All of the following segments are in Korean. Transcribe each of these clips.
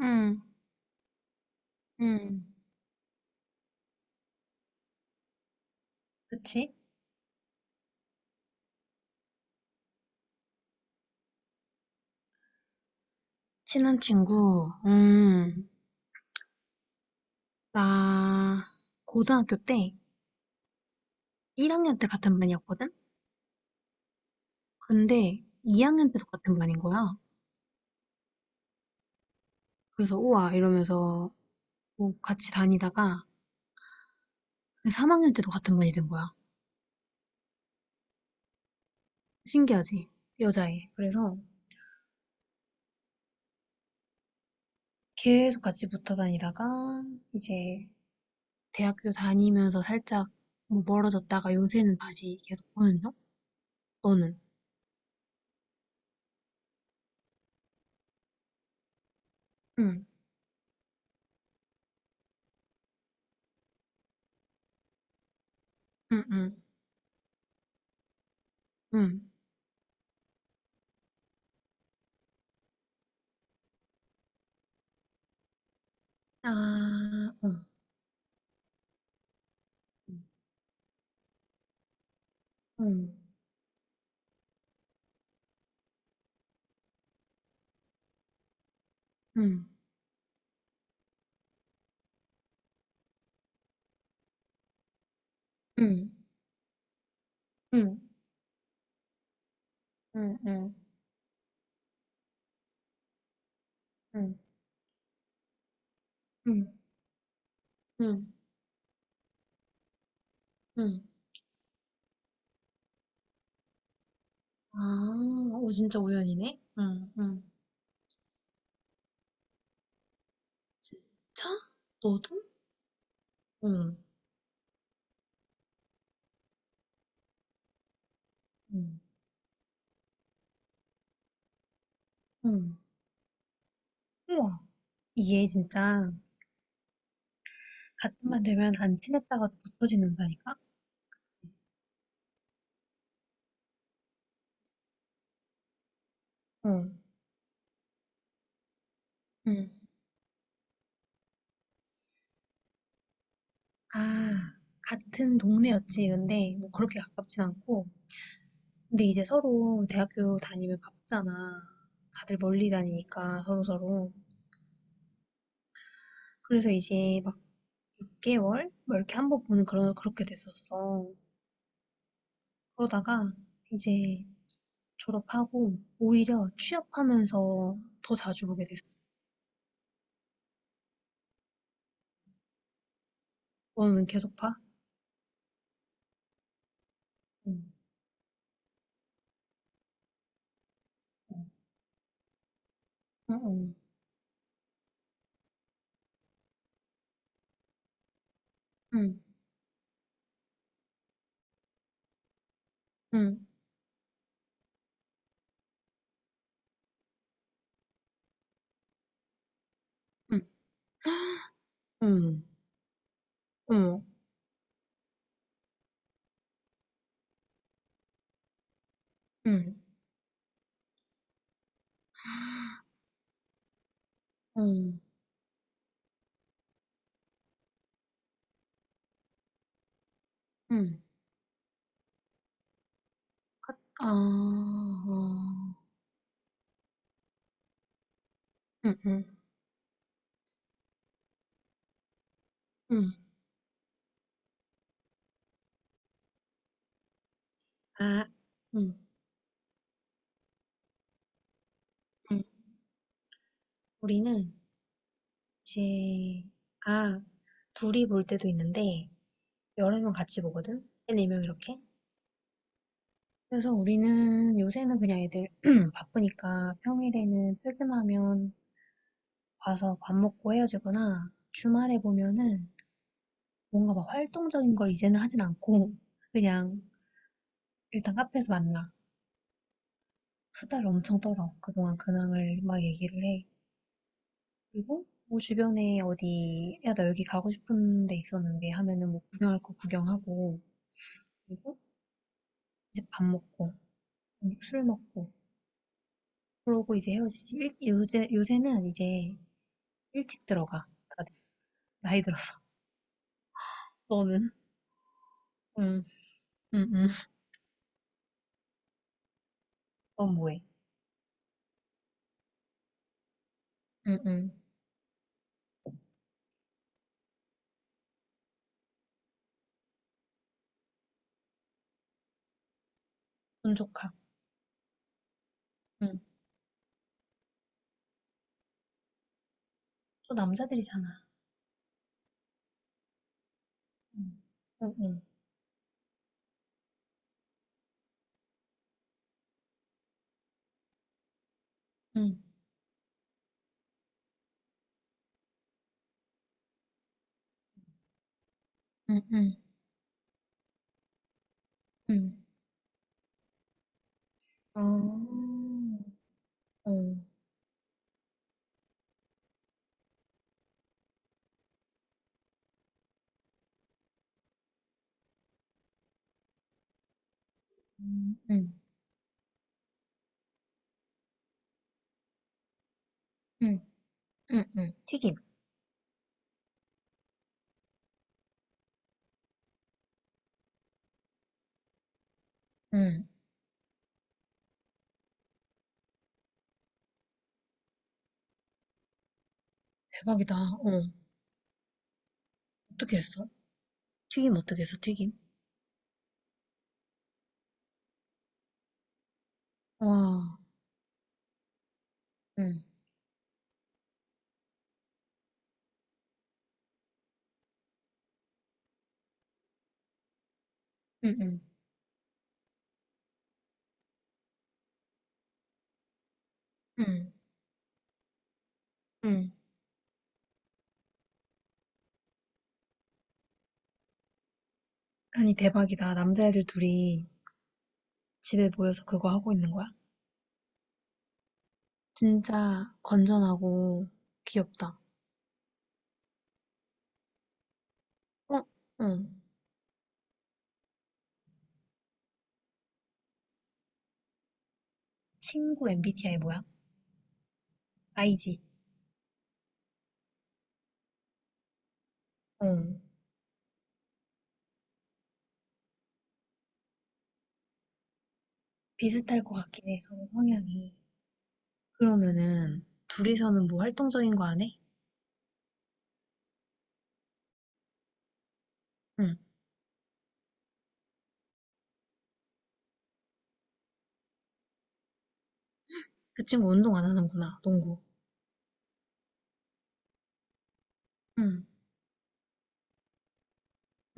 응, 응. 그치? 친한 친구, 나 고등학교 때 1학년 때 같은 반이었거든? 근데 2학년 때도 같은 반인 거야. 그래서 우와 이러면서 뭐 같이 다니다가 3학년 때도 같은 반이 된 거야. 신기하지? 여자애. 그래서 계속 같이 붙어 다니다가 이제 대학교 다니면서 살짝 뭐 멀어졌다가 요새는 다시 계속 보는 중? 너는? 응, 응, 응, 응. 아, 어. 응, 응, 응, 응, 응, 응, 응, 응, 응, 응. 아, 오, 진짜 우연이네? 응, 응. 진짜? 너도? 응, 응, 응. 우와, 이게 진짜 같은 반 되면 안 친했다가도 붙어지는다니까? 응, 응. 아, 같은 동네였지. 근데 뭐 그렇게 가깝진 않고. 근데 이제 서로 대학교 다니면 바쁘잖아. 다들 멀리 다니니까 서로서로. 그래서 이제 막 6개월? 뭐 이렇게 한 번 보는 그런, 그렇게 됐었어. 그러다가 이제 졸업하고 오히려 취업하면서 더 자주 보게 됐어. 너는 계속 봐? 응, 응, 응, 응, 응, 응, 응, 응, 응, 응. 가- 아, 어, 응, 응, 응. 아, 응, 응. 우리는 이제, 아, 둘이 볼 때도 있는데, 여러 명 같이 보거든? 세, 네 명 이렇게. 그래서 우리는 요새는 그냥 애들 바쁘니까 평일에는 퇴근하면 와서 밥 먹고 헤어지거나 주말에 보면은 뭔가 막 활동적인 걸 이제는 하진 않고 그냥 일단 카페에서 만나. 수다를 엄청 떨어. 그동안 근황을 막 얘기를 해. 그리고 뭐 주변에 어디, 야, 나 여기 가고 싶은 데 있었는데 하면은 뭐 구경할 거 구경하고, 그리고 이제 밥 먹고, 술 먹고, 그러고 이제 헤어지지. 일, 요새, 요새는 이제 일찍 들어가. 다들 나이 들어서. 너는? 응, 응, 응. 넌 뭐해? 응, 응. 운 좋다. 응. 또 남자들이잖아. 응, 응, 응, 응, 응, 응. 응. 어, 어, 응, 응, 응, 응, 응. 튀김. 응. 대박이다. 어. 어떻게 했어? 튀김 어떻게 했어? 튀김? 와. 응, 응, 응, 응, 응. 아니, 대박이다. 남자애들 둘이. 집에 모여서 그거 하고 있는 거야? 진짜 건전하고 귀엽다. 어, 응. 친구 MBTI 뭐야? i 지 응. 비슷할 것 같긴 해, 서로 성향이. 그러면은 둘이서는 뭐 활동적인 거 안 해? 응. 그 친구 운동 안 하는구나, 농구. 응.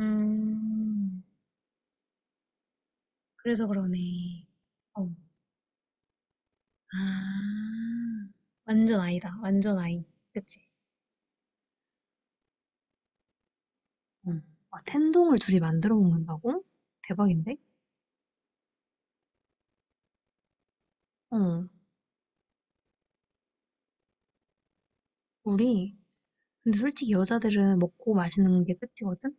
음, 그래서 그러네. 어. 아, 완전 아이다, 완전 아이. 그치? 응. 아, 텐동을 둘이 만들어 먹는다고? 대박인데? 어. 우리 근데 솔직히 여자들은 먹고 마시는 게 끝이거든?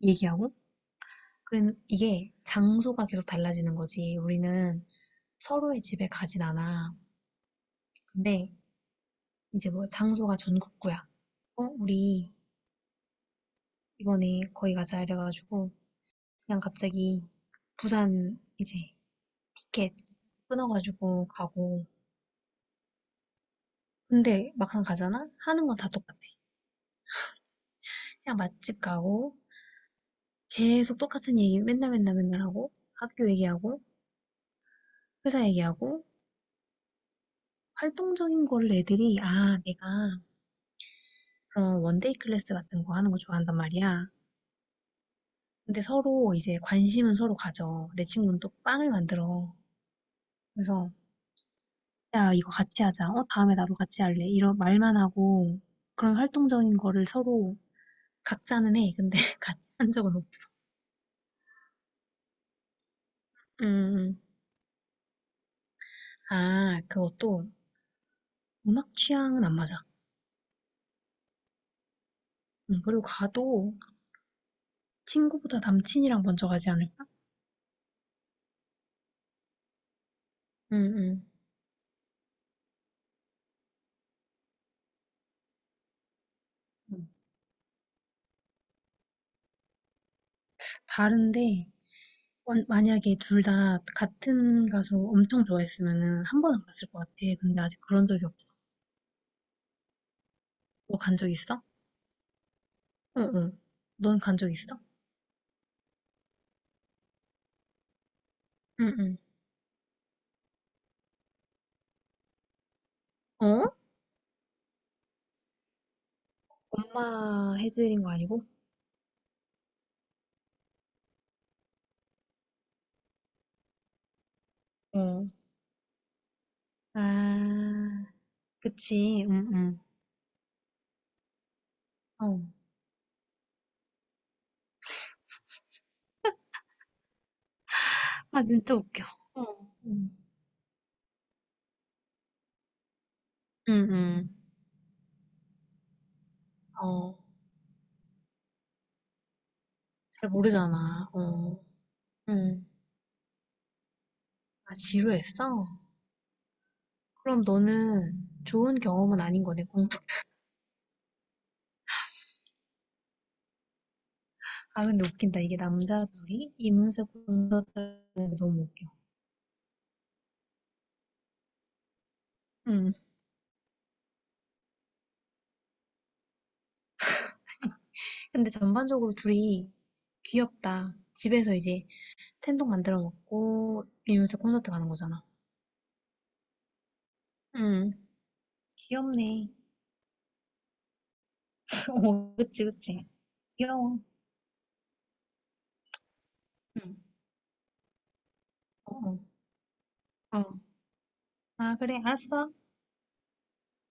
얘기하고? 그래, 이게 장소가 계속 달라지는 거지. 우리는 서로의 집에 가진 않아. 근데 이제 뭐 장소가 전국구야. 어, 우리 이번에 거기 가자 이래가지고 그냥 갑자기 부산 이제 티켓 끊어가지고 가고. 근데 막상 가잖아? 하는 건 다 똑같아. 그냥 맛집 가고 계속 똑같은 얘기 맨날 맨날 맨날 하고 학교 얘기하고 회사 얘기하고 활동적인 거를 애들이 '아 내가 그런 원데이 클래스 같은 거 하는 거 좋아한단 말이야.' 근데 서로 이제 관심은 서로 가져. 내 친구는 또 빵을 만들어. 그래서 "야 이거 같이 하자. 어 다음에 나도 같이 할래." 이런 말만 하고 그런 활동적인 거를 서로 각자는 해. 근데 같이 한 적은 없어. 음 음. 아 그것도 음악 취향은 안 맞아. 그리고 가도 친구보다 남친이랑 먼저 가지 않을까? 음음. 음. 음. 다른데 만약에 둘 다 같은 가수 엄청 좋아했으면은 한 번은 갔을 것 같아. 근데 아직 그런 적이 없어. 너 간 적 있어? 응, 응. 넌 간 적 있어? 응, 응. 어? 엄마 해드린 거 아니고? 어. 아, 그치. 응, 응. 어. 아, 진짜 웃겨. 어. 응, 응. 응. 어. 잘 모르잖아. 어. 응. 아, 지루했어? 그럼 너는 좋은 경험은 아닌 거네, 아, 근데 웃긴다. 이게 남자 둘이 이문세 콘서트하는 게 너무 웃겨. 음. 근데 전반적으로 둘이 귀엽다. 집에서 이제 텐동 만들어 먹고 이문세 콘서트 가는 거잖아. 음. 귀엽네. 어, 그치, 그치. 귀여워. 응. 어, 어. 어. 아, 그래. 알았어.